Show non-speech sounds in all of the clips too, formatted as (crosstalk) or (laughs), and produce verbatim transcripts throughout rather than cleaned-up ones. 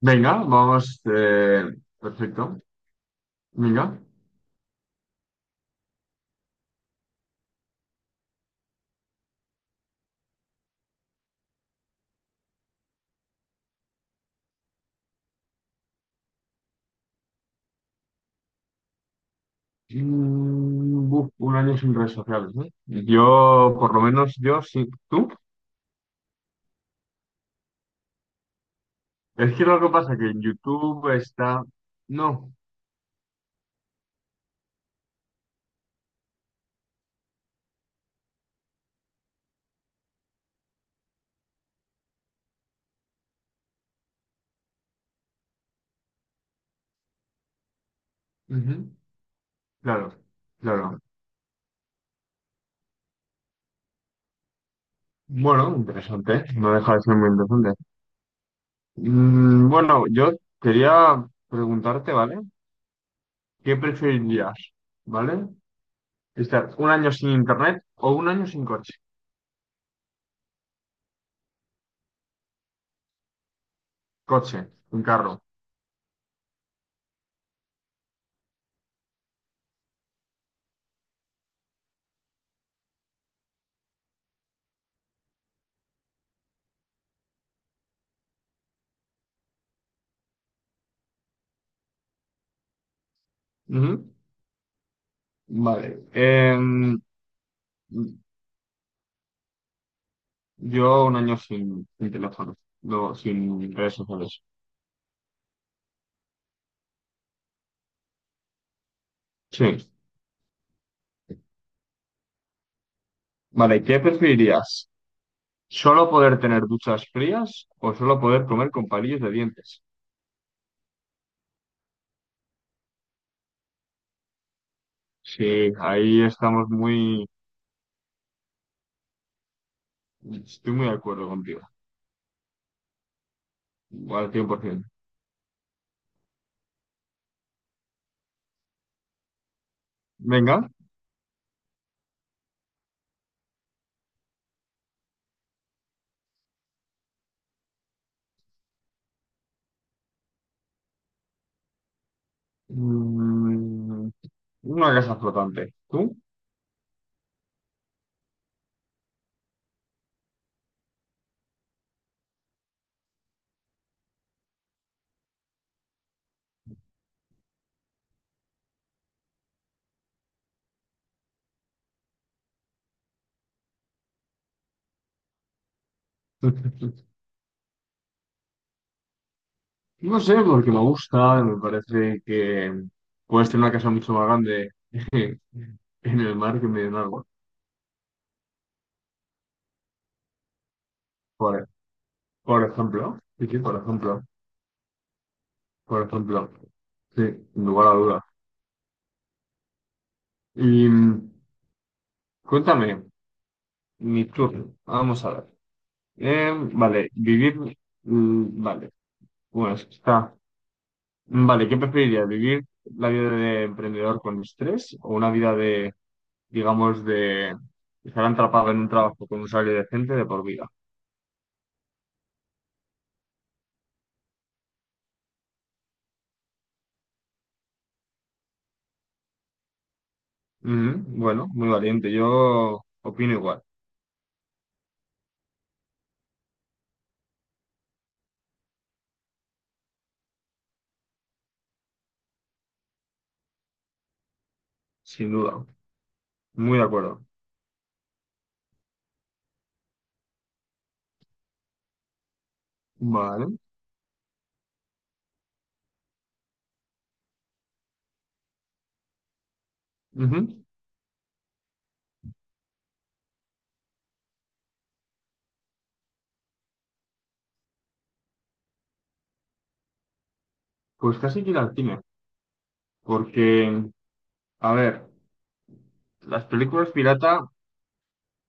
Venga, vamos. Eh, perfecto. Venga. Mm, buf, un año sin redes sociales, ¿eh? Yo, por lo menos yo sí. ¿Tú? Es que lo que pasa es que en YouTube está... No. Ujú. Claro, claro. Bueno, interesante. No deja de ser muy interesante. Mm, bueno, yo quería preguntarte, ¿vale? ¿Qué preferirías? ¿Vale? ¿Estar un año sin internet o un año sin coche? Coche, un carro. Ujú. Vale. Em, yo un año sin, sin teléfono, no, sin redes sociales. Sí. Vale, ¿qué preferirías? ¿Solo poder tener duchas frías o solo poder comer con palillos de dientes? Sí, ahí estamos muy... Estoy muy de acuerdo contigo. Al cien por ciento. Venga. Mm, una casa flotante. ¿Tú? (laughs) No sé, porque me gusta, me parece que puedes tener una casa mucho más grande (laughs) en el mar que en medio de un árbol. Por, por ejemplo, sí, sí, por ejemplo, por ejemplo, sí, sin lugar a dudas. Y mm, cuéntame, mi turno, vamos a ver. Em, vale, vivir, mm, vale, bueno, es que está. Vale, ¿qué preferirías? ¿Vivir la vida de emprendedor con estrés o una vida de, digamos, de estar atrapado en un trabajo con un salario decente de por vida? Ujú, bueno, muy valiente. Yo opino igual, sin duda. Muy de acuerdo. Vale. Ujú. Pues casi que ir al cine. Porque, a ver, las películas pirata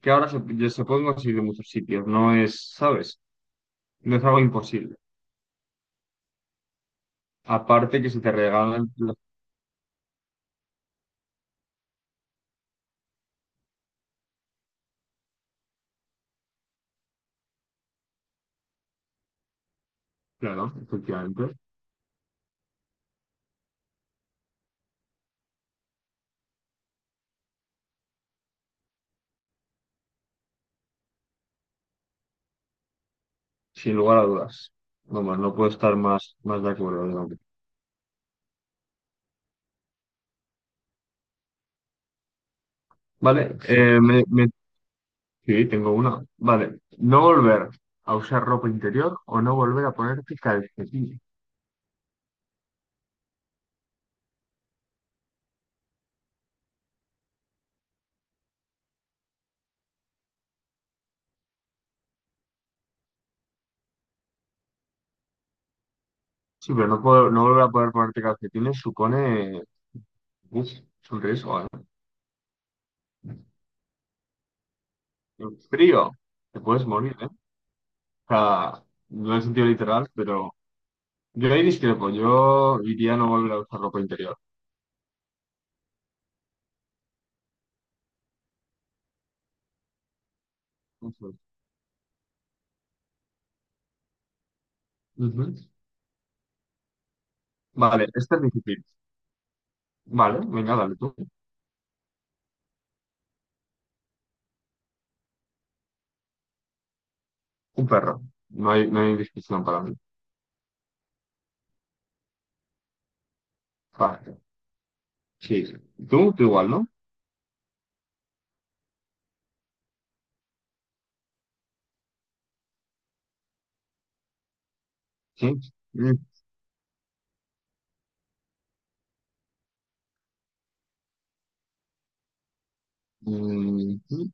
que ahora se, ya se pueden conseguir en muchos sitios. No es, ¿sabes? No es algo imposible. Aparte que si te regalan, las- claro, efectivamente. Sin lugar a dudas. Vamos, no puedo estar más, más de acuerdo, digamos. Vale, eh, me, me Sí, tengo una. Vale. No volver a usar ropa interior o no volver a ponerte calcetines. Sí, pero no, puedo, no volver a poder ponerte calcetines supone. Uf, es un riesgo, ¿eh? El frío. Te puedes morir, ¿eh? O sea, no en el sentido literal, pero yo ahí discrepo. Yo iría a no volver a usar ropa interior. Ujú. Ujú. Vale, este es difícil. Vale, venga, dale tú. Un perro. No hay, no hay discusión para mí. Vale. Sí. Tú, tú igual, ¿no? Sí. Mm. mm,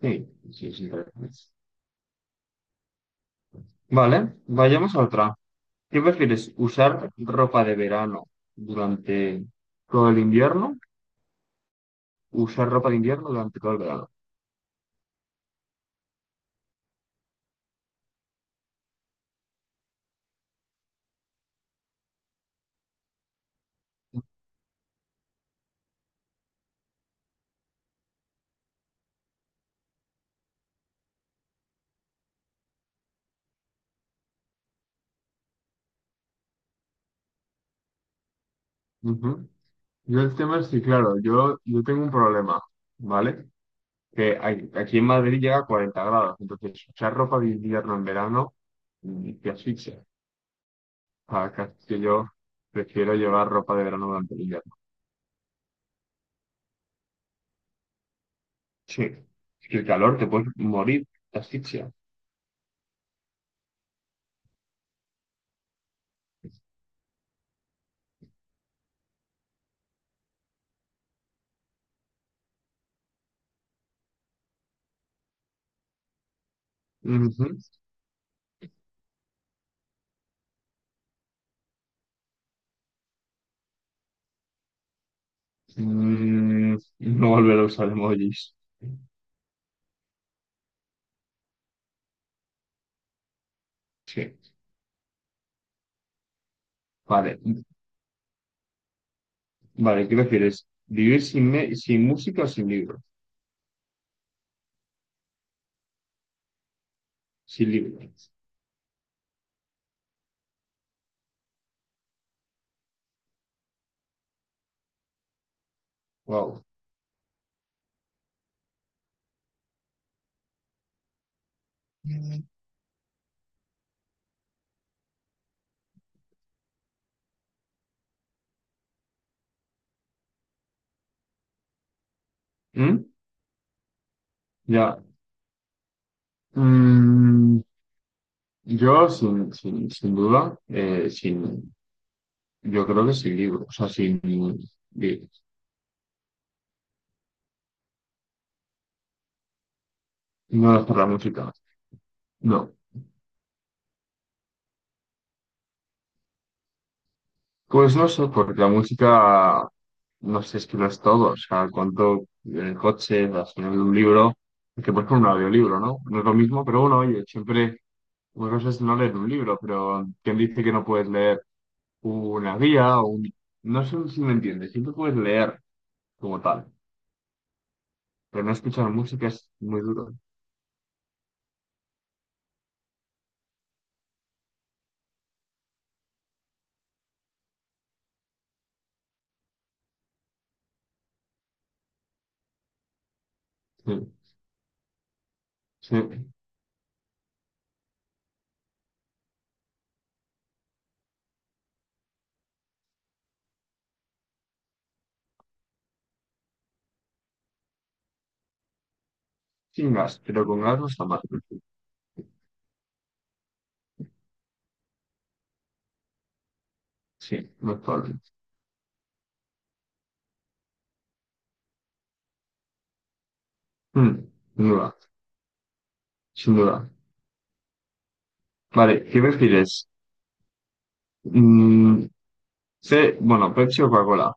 Sí, sí, sí, tal. Vale, vayamos a otra. ¿Qué prefieres? ¿Usar ropa de verano durante todo el invierno? ¿Usar ropa de invierno durante todo el verano? Ujú. Yo el tema es que, claro, yo, yo tengo un problema, ¿vale? Que hay- aquí en Madrid llega a cuarenta grados, entonces usar ropa de invierno en verano mm, te asfixia. O sea, que yo prefiero llevar ropa de verano durante el invierno. Sí. Es que el calor te puedes morir, te asfixia. Mm, no volver a usar emojis. Sí. Vale, vale, ¿qué prefieres? ¿Vivir sin, me- sin música o sin libros? Sin libros. Wow. ¿Mm? Ya. Mm, yo, sin, sin, sin duda, eh, sin, yo creo que sin libros, o sea, sin libros. No dejar la música. No. Pues no sé, porque la música, no sé, es que lo es todo. O sea, cuánto en el coche, al final de un libro, que por ejemplo un audiolibro, ¿no? No es lo mismo, pero bueno, oye, siempre, una cosa es no leer un libro, pero ¿quién dice que no puedes leer una guía o un... No sé si me entiendes, siempre puedes leer como tal, pero no escuchar música es muy duro. Sí, sí, sin gas, pero con gas no está mal. Sí, no es probable. Mm, sin duda, sin duda. Vale, ¿qué prefieres? Mm, Sí, bueno, Pepsi o Coca-Cola.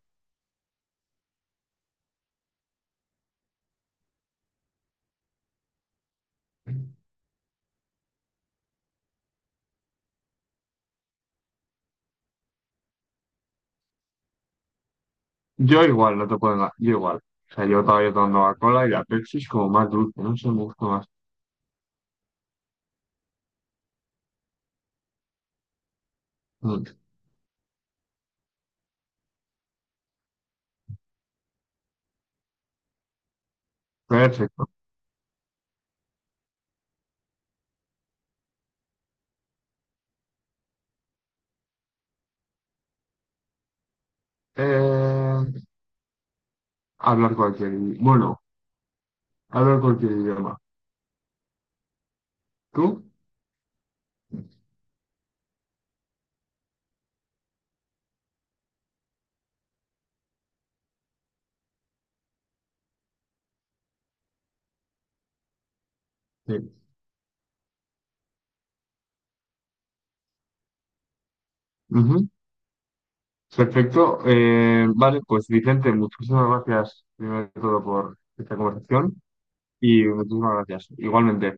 Yo igual, no te puedo engañar. Yo igual. O sea, yo todavía tomando Coca-Cola y la Pepsi es como más dulce, no sé, me gusta más. Mm, perfecto. Eh, Hablar cualquier idi- bueno, hablar cualquier idioma. ¿Tú? Sí. Ujú. Perfecto. Eh, vale, pues Vicente, muchísimas gracias primero de todo por esta conversación y muchísimas gracias. Igualmente.